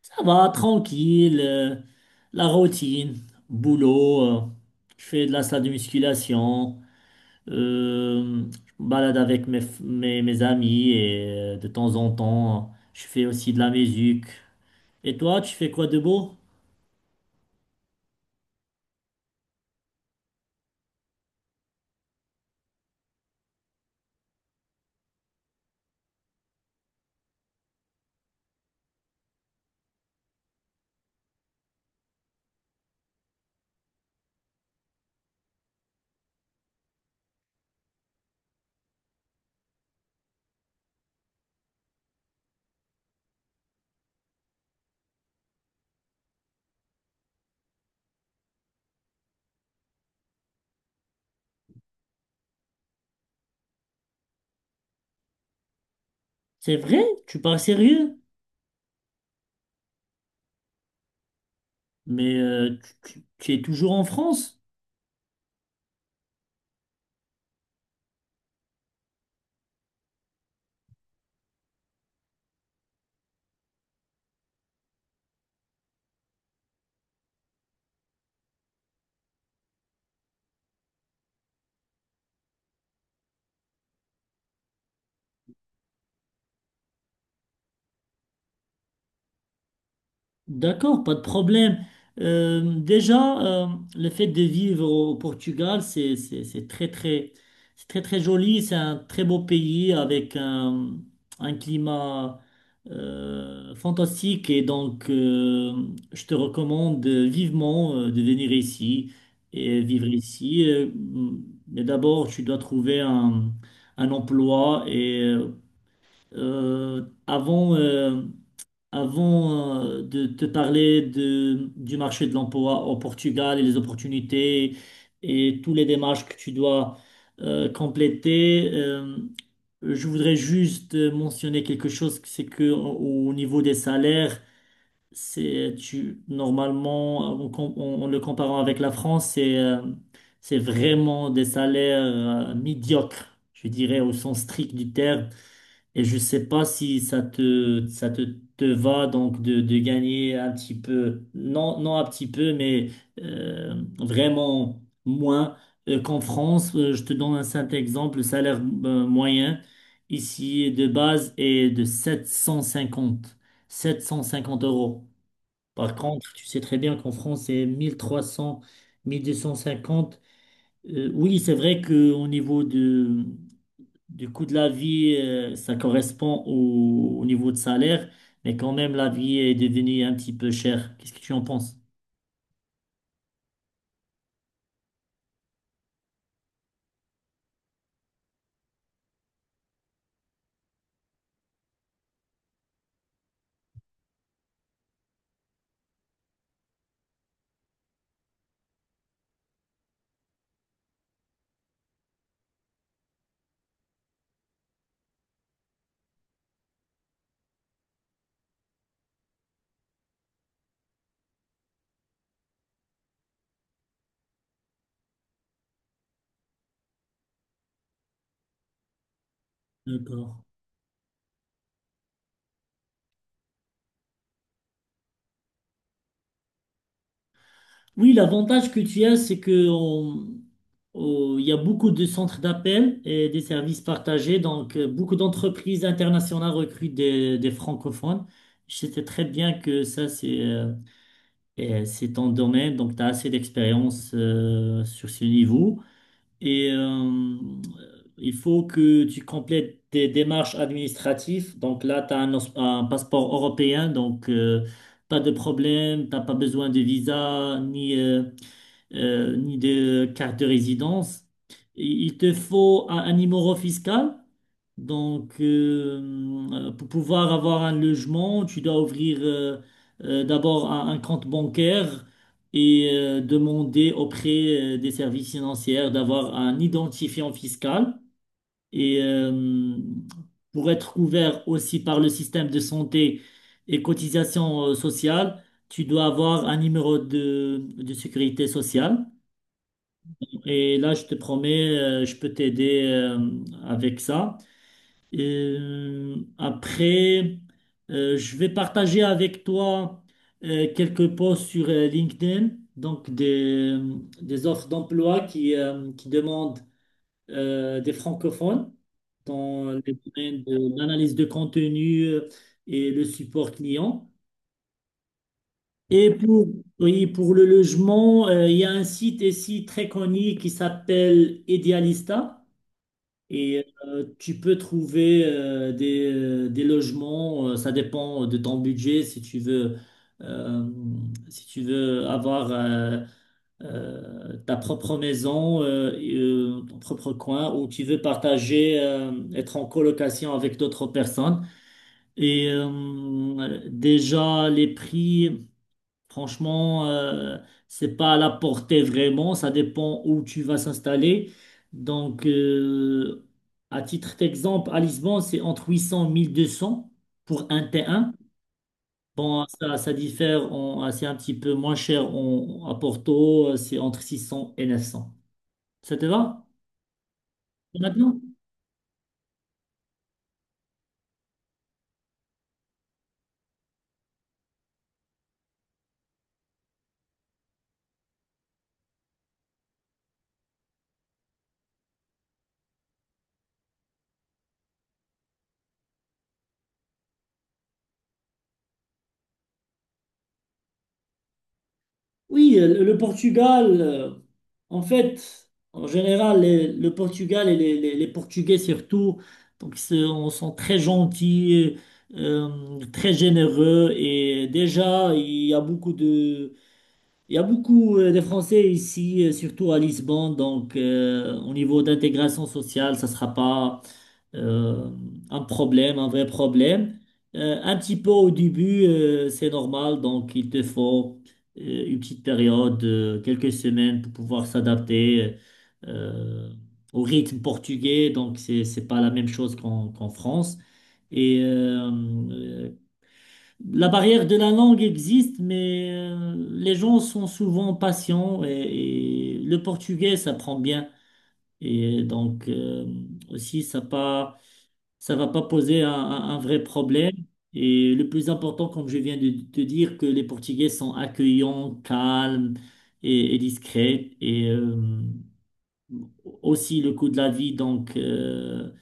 Ça va, tranquille, la routine, boulot, je fais de la salle de musculation, je me balade avec mes amis et de temps en temps, je fais aussi de la musique. Et toi, tu fais quoi de beau? C'est vrai, tu parles sérieux, mais tu es toujours en France? D'accord, pas de problème. Déjà, euh, le fait de vivre au Portugal, c'est très très joli. C'est un très beau pays avec un climat fantastique et donc je te recommande vivement de venir ici et vivre ici. Mais d'abord, tu dois trouver un emploi et euh, avant. euh, avant de te parler du marché de l'emploi au Portugal et les opportunités et tous les démarches que tu dois compléter. Je voudrais juste mentionner quelque chose, c'est que au niveau des salaires, c'est tu normalement en le comparant avec la France, c'est vraiment des salaires médiocres, je dirais au sens strict du terme. Et je sais pas si ça te va donc de gagner un petit peu, non, non un petit peu, mais vraiment moins qu'en France. Je te donne un simple exemple, le salaire moyen ici de base est de 750 euros. Par contre, tu sais très bien qu'en France, c'est 1300, 1250. Oui, c'est vrai qu'au niveau du coût de la vie, ça correspond au niveau de salaire, mais quand même, la vie est devenue un petit peu chère. Qu'est-ce que tu en penses? D'accord. Oui, l'avantage que tu as, c'est que il y a beaucoup de centres d'appel et des services partagés. Donc, beaucoup d'entreprises internationales recrutent des francophones. Je sais très bien que ça, c'est ton domaine, donc tu as assez d'expérience sur ce niveau. Et il faut que tu complètes des démarches administratives. Donc là, tu as un passeport européen, donc pas de problème, t'as pas besoin de visa, ni de carte de résidence. Il te faut un numéro fiscal. Donc, pour pouvoir avoir un logement, tu dois ouvrir d'abord un compte bancaire et demander auprès des services financiers d'avoir un identifiant fiscal. Et pour être couvert aussi par le système de santé et cotisation sociale, tu dois avoir un numéro de sécurité sociale. Et là, je te promets, je peux t'aider avec ça. Après, je vais partager avec toi quelques posts sur LinkedIn, donc des offres d'emploi qui demandent des francophones dans les domaines de l'analyse de contenu et le support client. Et pour, oui, pour le logement, il y a un site ici très connu qui s'appelle Idealista. Et tu peux trouver des logements, ça dépend de ton budget, si tu veux, euh, si tu veux avoir ta propre maison, et, ton propre coin, ou tu veux partager, être en colocation avec d'autres personnes. Et déjà, les prix. Franchement, c'est pas à la portée vraiment, ça dépend où tu vas s'installer. Donc, à titre d'exemple, à Lisbonne, c'est entre 800 et 1200 pour un T1. Bon, ça diffère, en- c'est un petit peu moins cher en- à Porto, c'est entre 600 et 900. Ça te va pour maintenant? Oui, le Portugal, en fait, en général, le Portugal et les Portugais surtout, donc c'est- on sont très gentils, euh, très généreux et déjà il y a beaucoup de Français ici, surtout à Lisbonne, donc au niveau d'intégration sociale, ça ne sera pas euh, un problème, un vrai problème. Un petit peu au début, c'est normal, donc il te faut une petite période, quelques semaines pour pouvoir s'adapter euh, au rythme portugais, donc c'est pas la même chose qu'en France. Et la barrière de la langue existe, mais les gens sont souvent patients et le portugais, ça prend bien. Et donc, aussi, ça va pas poser un vrai problème. Et le plus important, comme je viens de te dire, que les Portugais sont accueillants, calmes et discrets. Et, aussi le coût de la vie donc euh,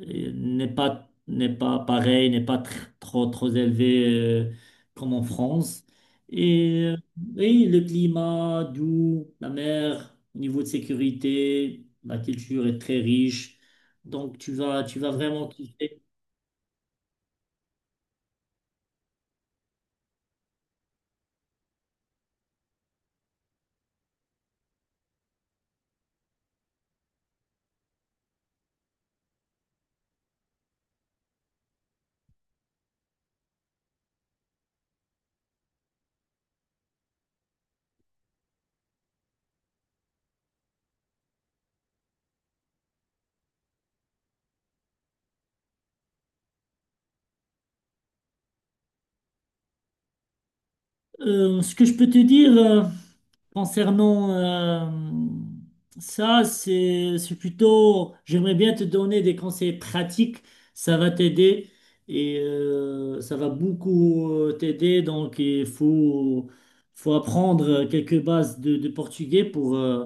euh, n'est pas pareil, n'est pas trop trop élevé euh, comme en France. Et, euh, et le climat doux, la mer, au niveau de sécurité, la culture est très riche. Donc tu vas vraiment kiffer. Ce que je peux te dire concernant ça, c'est plutôt, j'aimerais bien te donner des conseils pratiques, ça va t'aider et ça va beaucoup t'aider. Donc, faut apprendre quelques bases de portugais euh,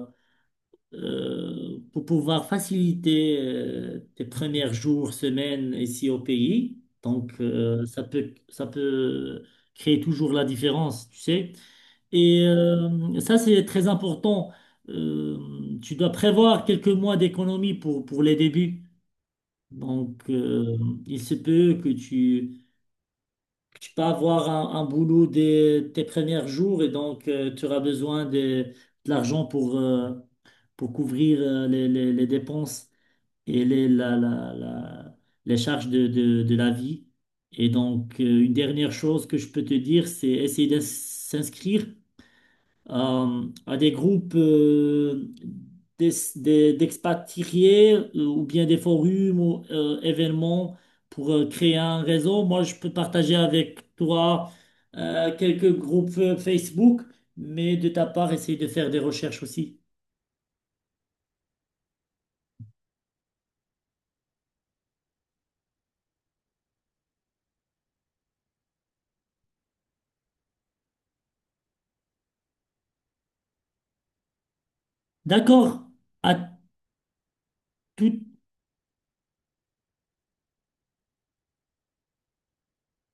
euh, pour pouvoir faciliter tes premiers jours, semaines ici au pays. Donc, ça peut créer toujours la différence, tu sais. Et ça, c'est très important. Euh, Tu dois prévoir quelques mois d'économie pour les débuts. Donc, il se peut que tu peux avoir un boulot dès tes premiers jours et donc tu auras besoin de l'argent pour couvrir les dépenses et les charges de la vie. Et donc, une dernière chose que je peux te dire, c'est essayer de s'inscrire à des groupes d'es- d'expatriés ou bien des forums ou événements pour créer un réseau. Moi, je peux partager avec toi quelques groupes Facebook, mais de ta part, essayer de faire des recherches aussi. D'accord. À tout,